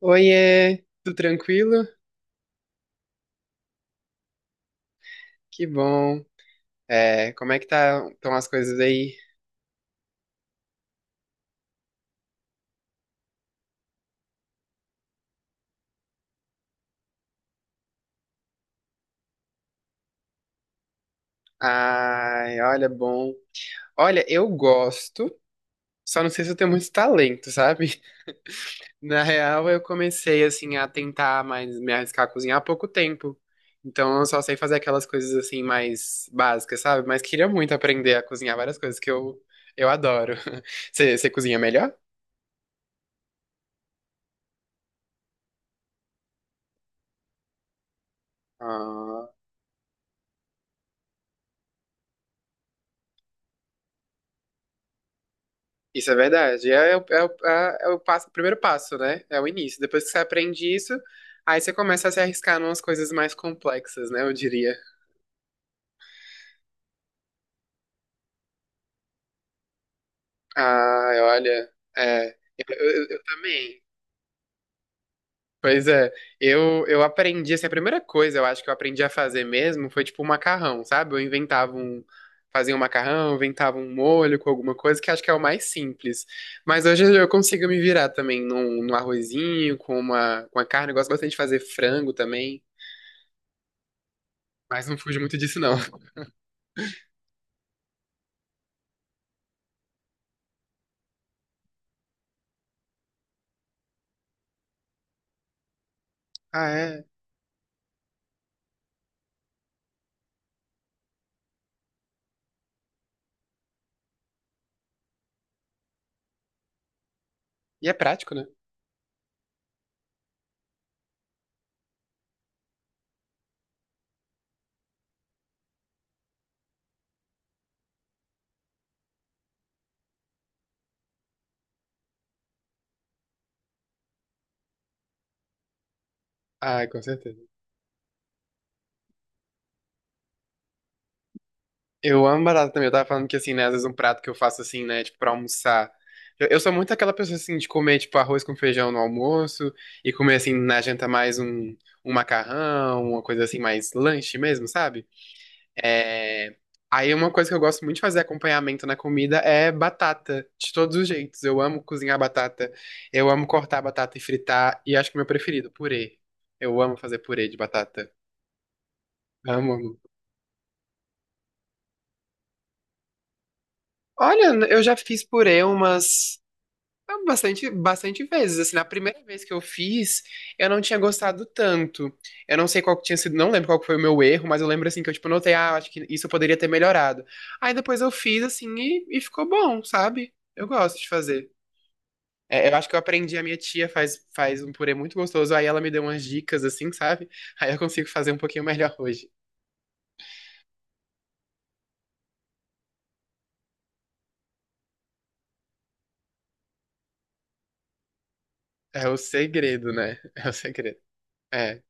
Oiê, tudo tranquilo? Que bom. Como é que estão as coisas aí? Ai, olha, bom. Olha, eu gosto, só não sei se eu tenho muito talento, sabe? Na real, eu comecei, assim, a tentar mais me arriscar a cozinhar há pouco tempo. Então, eu só sei fazer aquelas coisas, assim, mais básicas, sabe? Mas queria muito aprender a cozinhar várias coisas que eu adoro. Você cozinha melhor? Ah. Isso é verdade. É, é o- é, o- é, é o passo, o primeiro passo, né? É o início. Depois que você aprende isso, aí você começa a se arriscar em umas coisas mais complexas, né? Eu diria. Ah, olha. É, eu também. Pois é. Eu aprendi, assim, a primeira coisa eu acho que eu aprendi a fazer mesmo foi tipo um macarrão, sabe? Eu inventava um. Fazia um macarrão, inventava um molho com alguma coisa, que acho que é o mais simples. Mas hoje eu consigo me virar também num arrozinho, com uma, com a carne. Eu gosto bastante de fazer frango também. Mas não fujo muito disso, não. Ah, é. E é prático, né? Ah, com certeza. Eu amo batata também. Eu tava falando que, assim, né, às vezes um prato que eu faço, assim, né, tipo, pra almoçar. Eu sou muito aquela pessoa, assim, de comer, tipo, arroz com feijão no almoço e comer, assim, na janta um macarrão, uma coisa assim, mais lanche mesmo, sabe? É... Aí uma coisa que eu gosto muito de fazer acompanhamento na comida é batata, de todos os jeitos. Eu amo cozinhar batata, eu amo cortar batata e fritar, e acho que o meu preferido, purê. Eu amo fazer purê de batata. Amo, amo. Olha, eu já fiz purê umas bastante vezes. Assim, na primeira vez que eu fiz, eu não tinha gostado tanto. Eu não sei qual que tinha sido, não lembro qual que foi o meu erro, mas eu lembro assim que eu tipo notei, ah, acho que isso eu poderia ter melhorado. Aí depois eu fiz assim e ficou bom, sabe? Eu gosto de fazer. É, eu acho que eu aprendi, a minha tia faz um purê muito gostoso, aí ela me deu umas dicas assim, sabe? Aí eu consigo fazer um pouquinho melhor hoje. É o segredo, né? É o segredo. É.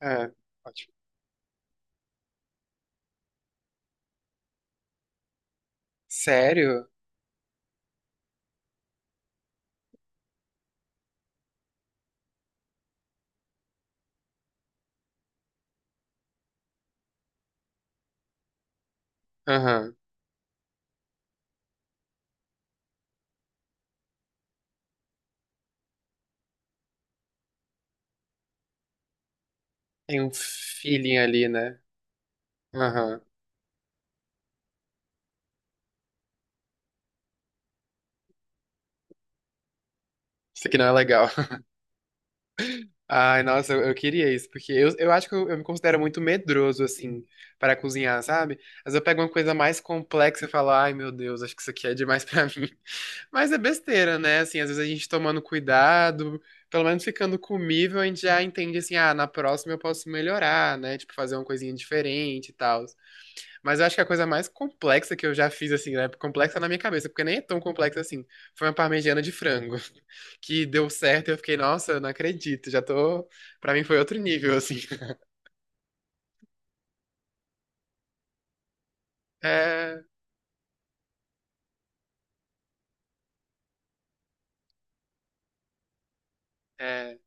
É. Ótimo. Sério? Aham. Tem um feeling ali, né? Aham. Isso aqui não é legal. Ai, nossa, eu queria isso, porque eu acho que eu me considero muito medroso, assim, para cozinhar, sabe? Mas eu pego uma coisa mais complexa e falo, ai, meu Deus, acho que isso aqui é demais pra mim. Mas é besteira, né? Assim, às vezes a gente tomando cuidado, pelo menos ficando comível, a gente já entende, assim, ah, na próxima eu posso melhorar, né? Tipo, fazer uma coisinha diferente e tal. Mas eu acho que a coisa mais complexa que eu já fiz, assim, né? Complexa na minha cabeça, porque nem é tão complexa assim. Foi uma parmegiana de frango, que deu certo e eu fiquei, nossa, eu não acredito, já tô. Pra mim foi outro nível, assim. É, é,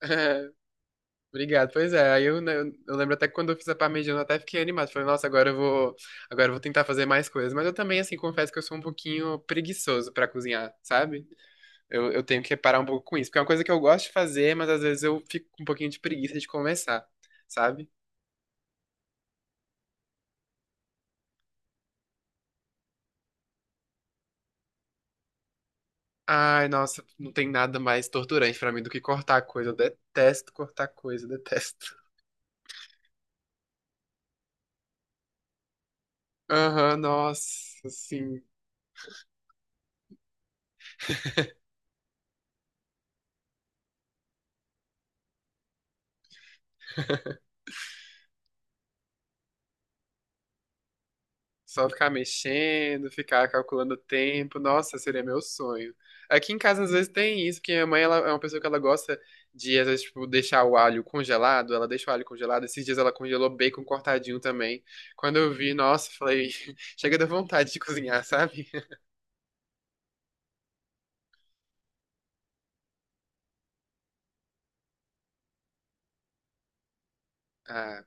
Obrigado. Pois é, aí eu, né, eu lembro até que quando eu fiz a parmegiana eu até fiquei animado. Falei, nossa, agora eu vou tentar fazer mais coisas. Mas eu também, assim, confesso que eu sou um pouquinho preguiçoso pra cozinhar, sabe? Eu tenho que parar um pouco com isso, porque é uma coisa que eu gosto de fazer, mas às vezes eu fico com um pouquinho de preguiça de começar, sabe? Ai, nossa, não tem nada mais torturante pra mim do que cortar coisa. Eu detesto cortar coisa, detesto. Aham, nossa, assim, só ficar mexendo, ficar calculando o tempo, nossa, seria meu sonho. Aqui em casa às vezes tem isso, porque minha mãe ela é uma pessoa que ela gosta de, às vezes, tipo, deixar o alho congelado, ela deixa o alho congelado, esses dias ela congelou bacon cortadinho também. Quando eu vi, nossa, falei, chega da vontade de cozinhar, sabe? Ah,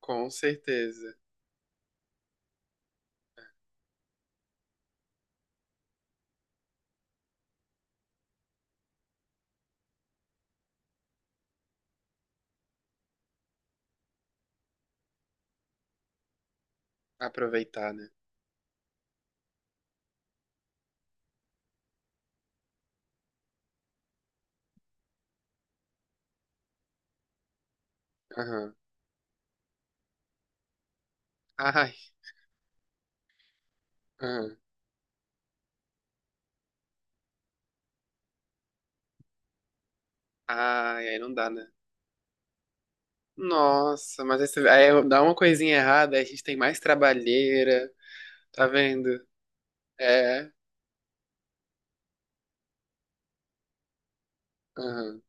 com certeza, aproveitar, né? Aham. Ai. Ah. Ai, aí não dá, né? Nossa, mas aí, aí dá uma coisinha errada, aí a gente tem mais trabalheira, tá vendo? É. Aham.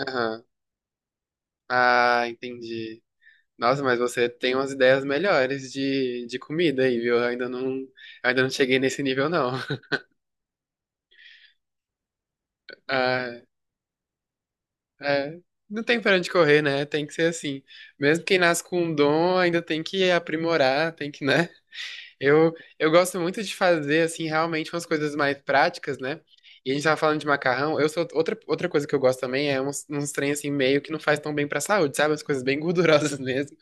Aham. Ah, entendi. Nossa, mas você tem umas ideias melhores de comida aí, viu? Eu ainda não cheguei nesse nível, não. Ah, é. Não tem pra onde correr, né? Tem que ser assim. Mesmo quem nasce com um dom, ainda tem que aprimorar, tem que, né? Eu, eu gosto muito de fazer, assim, realmente umas coisas mais práticas, né? E a gente tava falando de macarrão. Eu sou outra coisa que eu gosto também é uns trem assim meio que não faz tão bem pra saúde, sabe? Umas coisas bem gordurosas mesmo.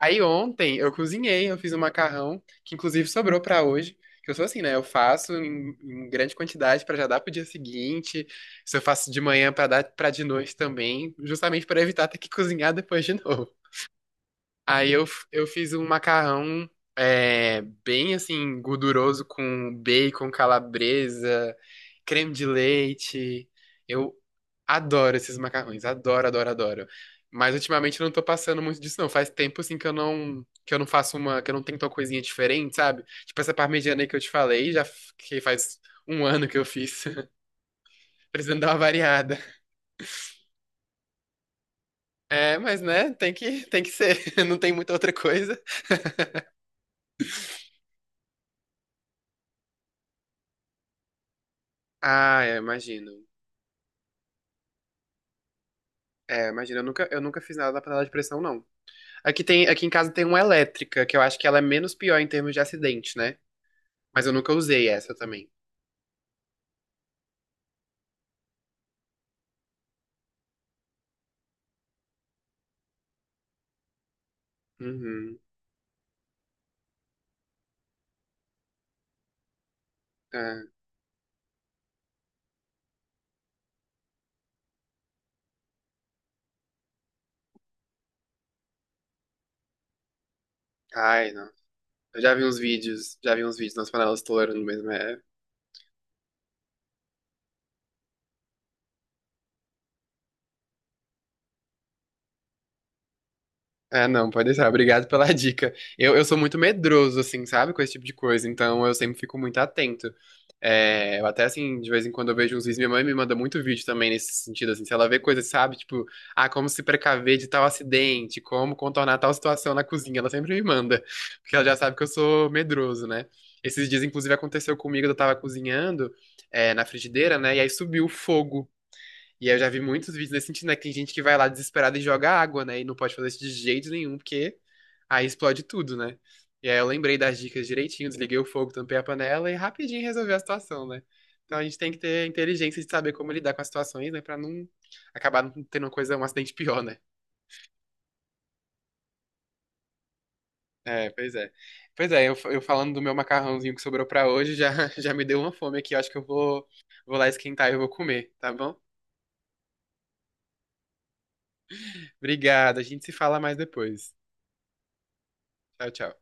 Aí ontem eu cozinhei, eu fiz um macarrão que inclusive sobrou pra hoje. Que eu sou assim, né? Eu faço em grande quantidade pra já dar pro dia seguinte. Se eu faço de manhã pra dar para de noite também, justamente pra evitar ter que cozinhar depois de novo. Aí eu, eu fiz um macarrão é, bem assim, gorduroso com bacon, calabresa, creme de leite. Eu adoro esses macarrões, adoro, adoro, adoro. Mas ultimamente eu não tô passando muito disso, não. Faz tempo assim que eu não faço uma, que eu não tento uma coisinha diferente, sabe? Tipo essa parmegiana aí que eu te falei, que faz um ano que eu fiz. Precisando dar uma variada. É, mas né, tem que ser. Não tem muita outra coisa. Ah, é, imagino. É, imagina, eu nunca fiz nada na panela de pressão, não. Aqui em casa tem uma elétrica, que eu acho que ela é menos pior em termos de acidente, né? Mas eu nunca usei essa também. Uhum. É. Ai, não. Eu já vi uns vídeos, já vi uns vídeos nas panelas estourando mesmo. É. Ah, não, pode deixar. Obrigado pela dica. Eu sou muito medroso, assim, sabe, com esse tipo de coisa, então eu sempre fico muito atento. É, eu até, assim, de vez em quando eu vejo uns vídeos, minha mãe me manda muito vídeo também nesse sentido, assim, se ela vê coisas, sabe, tipo, ah, como se precaver de tal acidente, como contornar tal situação na cozinha, ela sempre me manda, porque ela já sabe que eu sou medroso, né? Esses dias, inclusive, aconteceu comigo, eu tava cozinhando, é, na frigideira, né, e aí subiu o fogo. E aí eu já vi muitos vídeos nesse sentido, né? Que tem gente que vai lá desesperada e joga água, né? E não pode fazer isso de jeito nenhum, porque aí explode tudo, né? E aí eu lembrei das dicas direitinho, desliguei o fogo, tampei a panela e rapidinho resolvi a situação, né? Então a gente tem que ter inteligência de saber como lidar com as situações, né? Pra não acabar não tendo uma coisa, um acidente pior, né? É, pois é. Pois é, eu falando do meu macarrãozinho que sobrou pra hoje, já, já me deu uma fome aqui. Eu acho que eu vou, vou lá esquentar e eu vou comer, tá bom? Obrigado, a gente se fala mais depois. Tchau, tchau.